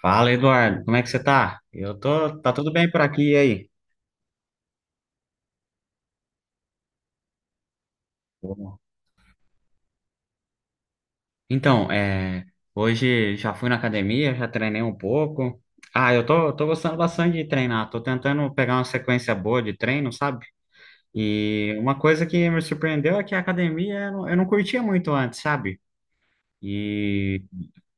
Fala, Eduardo, como é que você tá? Tá tudo bem por aqui, e aí? Bom. Então, hoje já fui na academia, já treinei um pouco. Ah, eu tô, gostando bastante de treinar, tô tentando pegar uma sequência boa de treino, sabe? E uma coisa que me surpreendeu é que a academia eu não curtia muito antes, sabe? E,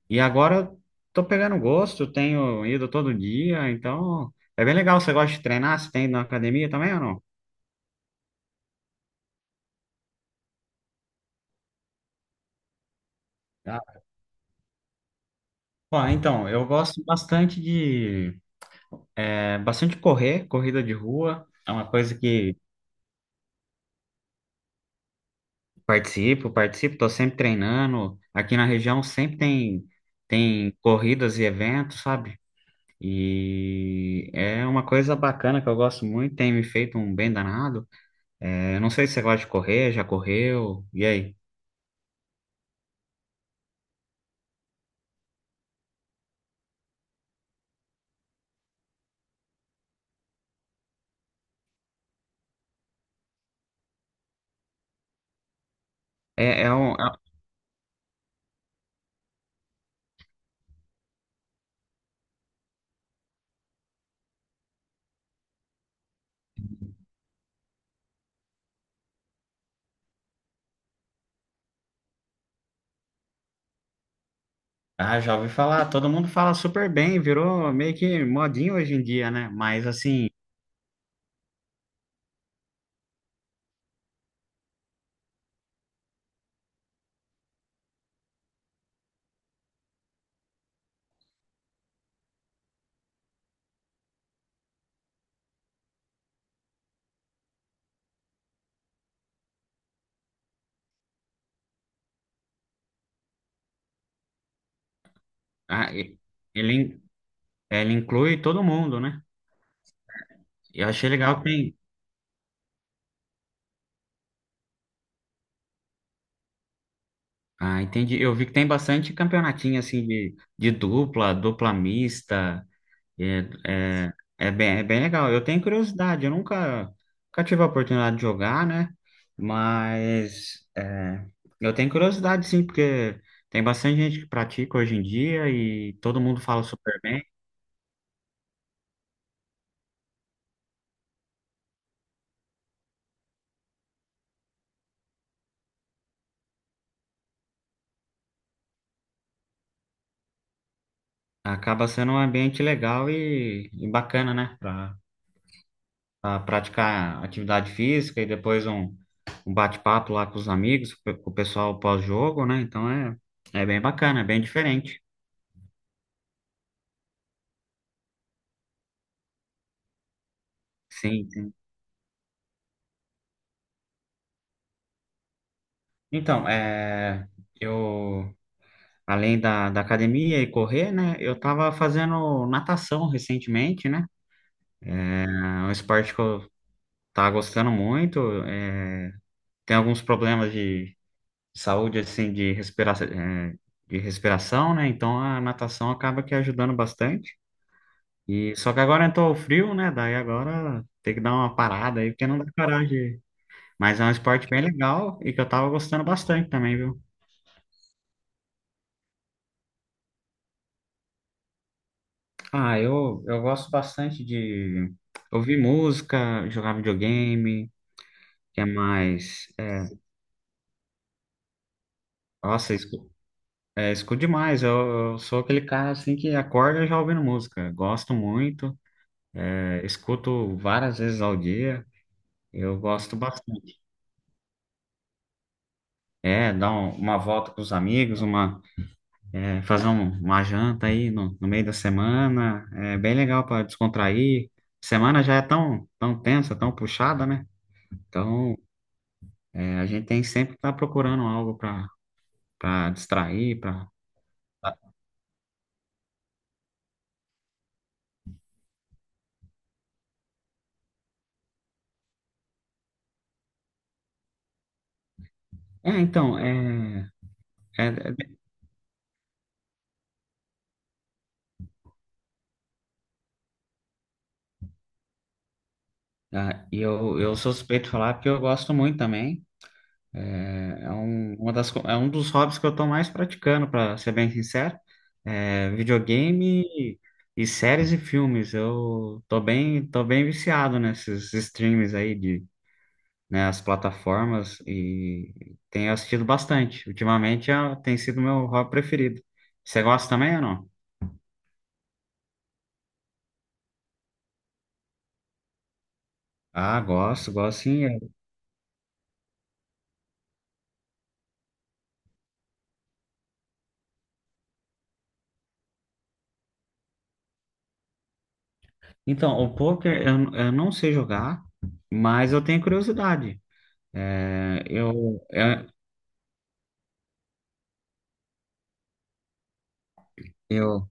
e agora eu tô pegando gosto, tenho ido todo dia, então é bem legal. Você gosta de treinar? Você tem ido na academia também ou não? Ó, então, eu gosto bastante de é, bastante correr, corrida de rua. É uma coisa que participo, tô sempre treinando. Aqui na região sempre tem corridas e eventos, sabe? E é uma coisa bacana que eu gosto muito, tem me feito um bem danado. É, não sei se você gosta de correr, já correu, e aí? É, é um, é- ah, já ouvi falar, todo mundo fala super bem, virou meio que modinho hoje em dia, né? Mas assim, a- ele, ela inclui todo mundo, né? Eu achei legal que tem. Ah, entendi. Eu vi que tem bastante campeonatinho assim de dupla, dupla mista. É, é, é bem legal. Eu tenho curiosidade, eu nunca, nunca tive a oportunidade de jogar, né? Mas eu tenho curiosidade, sim, porque tem bastante gente que pratica hoje em dia e todo mundo fala super bem. Acaba sendo um ambiente legal e bacana, né? A praticar atividade física e depois um bate-papo lá com os amigos, com o pessoal pós-jogo, né? Então é bem bacana, é bem diferente. Sim, sim. Então, eu, além da academia e correr, né? Eu tava fazendo natação recentemente, né? É um esporte que eu tava gostando muito. Tem alguns problemas de saúde, assim, de respiração, né? Então a natação acaba que ajudando bastante. E só que agora entrou o frio, né? Daí agora tem que dar uma parada aí, porque não dá coragem. Mas é um esporte bem legal e que eu tava gostando bastante também, viu? Ah, eu gosto bastante de ouvir música, jogar videogame, que é mais. Nossa, escuto demais. Eu sou aquele cara assim que acorda já ouvindo música. Gosto muito, escuto várias vezes ao dia. Eu gosto bastante. É, dar uma volta com os amigos, uma É, fazer uma janta aí no meio da semana é bem legal para descontrair. Semana já é tão tensa, tão puxada, né? Então, a gente tem que sempre estar procurando algo para distrair, para. É, então, é, é, é- ah, eu sou suspeito de falar porque eu gosto muito também. É um dos hobbies que eu estou mais praticando, para ser bem sincero. É videogame e séries e filmes. Eu tô bem viciado nesses streams aí né, as plataformas e tenho assistido bastante. Ultimamente tem sido meu hobby preferido. Você gosta também ou não? Ah, gosto, gosto sim. É. Então, o poker eu não sei jogar, mas eu tenho curiosidade. É, eu, eu, eu,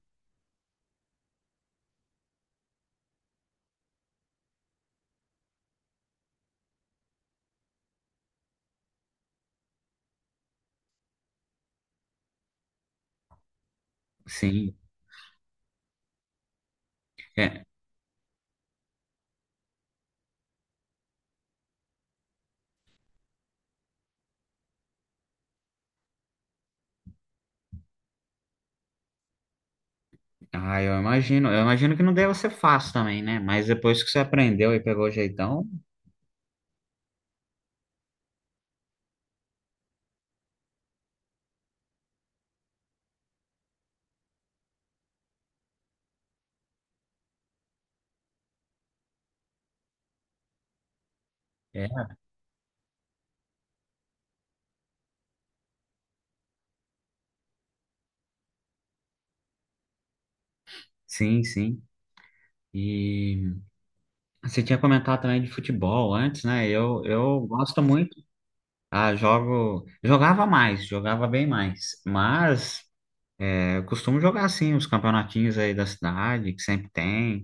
sim. Ah, eu imagino. Eu imagino que não deva ser fácil também, né? Mas depois que você aprendeu e pegou o jeitão, é. Sim, sim. E você tinha comentado também de futebol antes, né? Eu gosto muito. Ah, jogo. Jogava mais, jogava bem mais. Mas eu costumo jogar sim, os campeonatinhos aí da cidade, que sempre tem.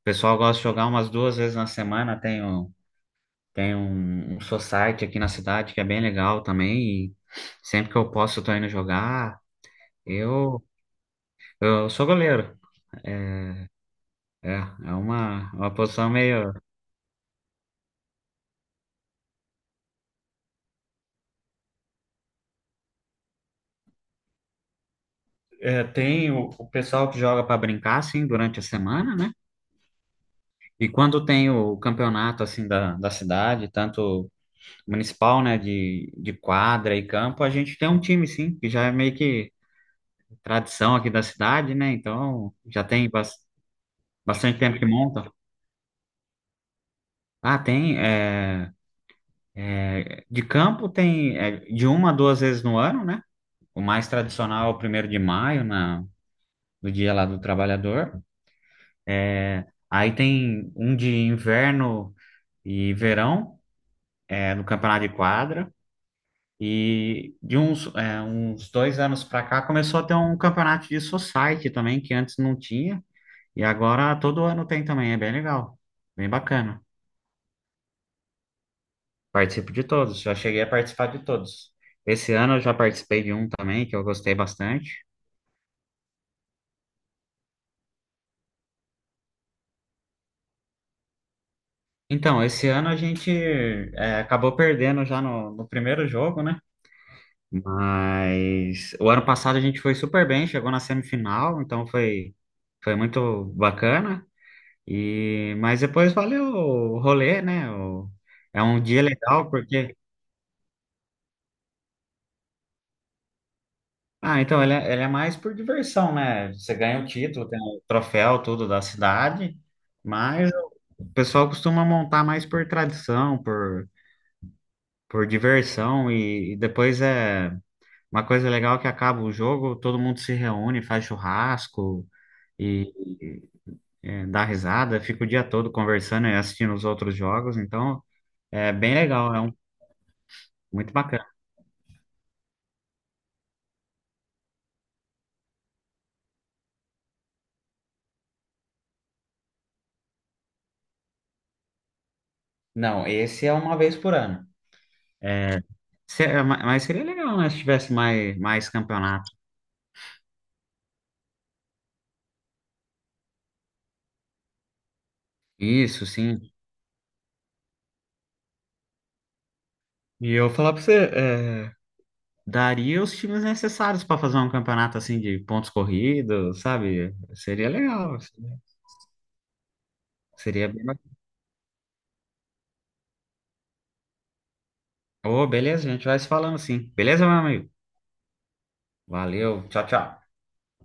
O pessoal gosta de jogar umas 2 vezes na semana. Tem um society aqui na cidade que é bem legal também. E sempre que eu posso, eu tô indo jogar. Eu. Eu sou goleiro. É, é é uma posição meio. Tem o pessoal que joga para brincar, assim, durante a semana, né? E quando tem o campeonato, assim, da cidade, tanto municipal, né, de quadra e campo, a gente tem um time, sim, que já é meio que tradição aqui da cidade, né? Então, já tem bastante tempo que monta. Ah, tem. De campo tem de 1 a 2 vezes no ano, né? O mais tradicional é o 1º de maio, no dia lá do trabalhador. Aí tem um de inverno e verão, no campeonato de quadra. E de uns dois anos para cá começou a ter um campeonato de society também, que antes não tinha. E agora todo ano tem também, é bem legal, bem bacana. Participo de todos, já cheguei a participar de todos. Esse ano eu já participei de um também, que eu gostei bastante. Então, esse ano a gente acabou perdendo já no primeiro jogo, né? Mas o ano passado a gente foi super bem, chegou na semifinal, então foi muito bacana. Mas depois valeu o rolê, né? É um dia legal porque. Ah, então ele é mais por diversão, né? Você ganha o título, tem o troféu, tudo da cidade, mas o pessoal costuma montar mais por tradição, por diversão, e depois é uma coisa legal que acaba o jogo, todo mundo se reúne, faz churrasco. E dar risada, fico o dia todo conversando e assistindo os outros jogos, então é bem legal, muito bacana. Não, esse é 1 vez por ano. Mas seria legal, né, se tivesse mais campeonato. Isso, sim. E eu falar pra você, é, daria os times necessários para fazer um campeonato assim de pontos corridos, sabe? Seria legal. Seria bem bacana. Ô, beleza, a gente vai se falando sim. Beleza, meu amigo? Valeu, tchau, tchau.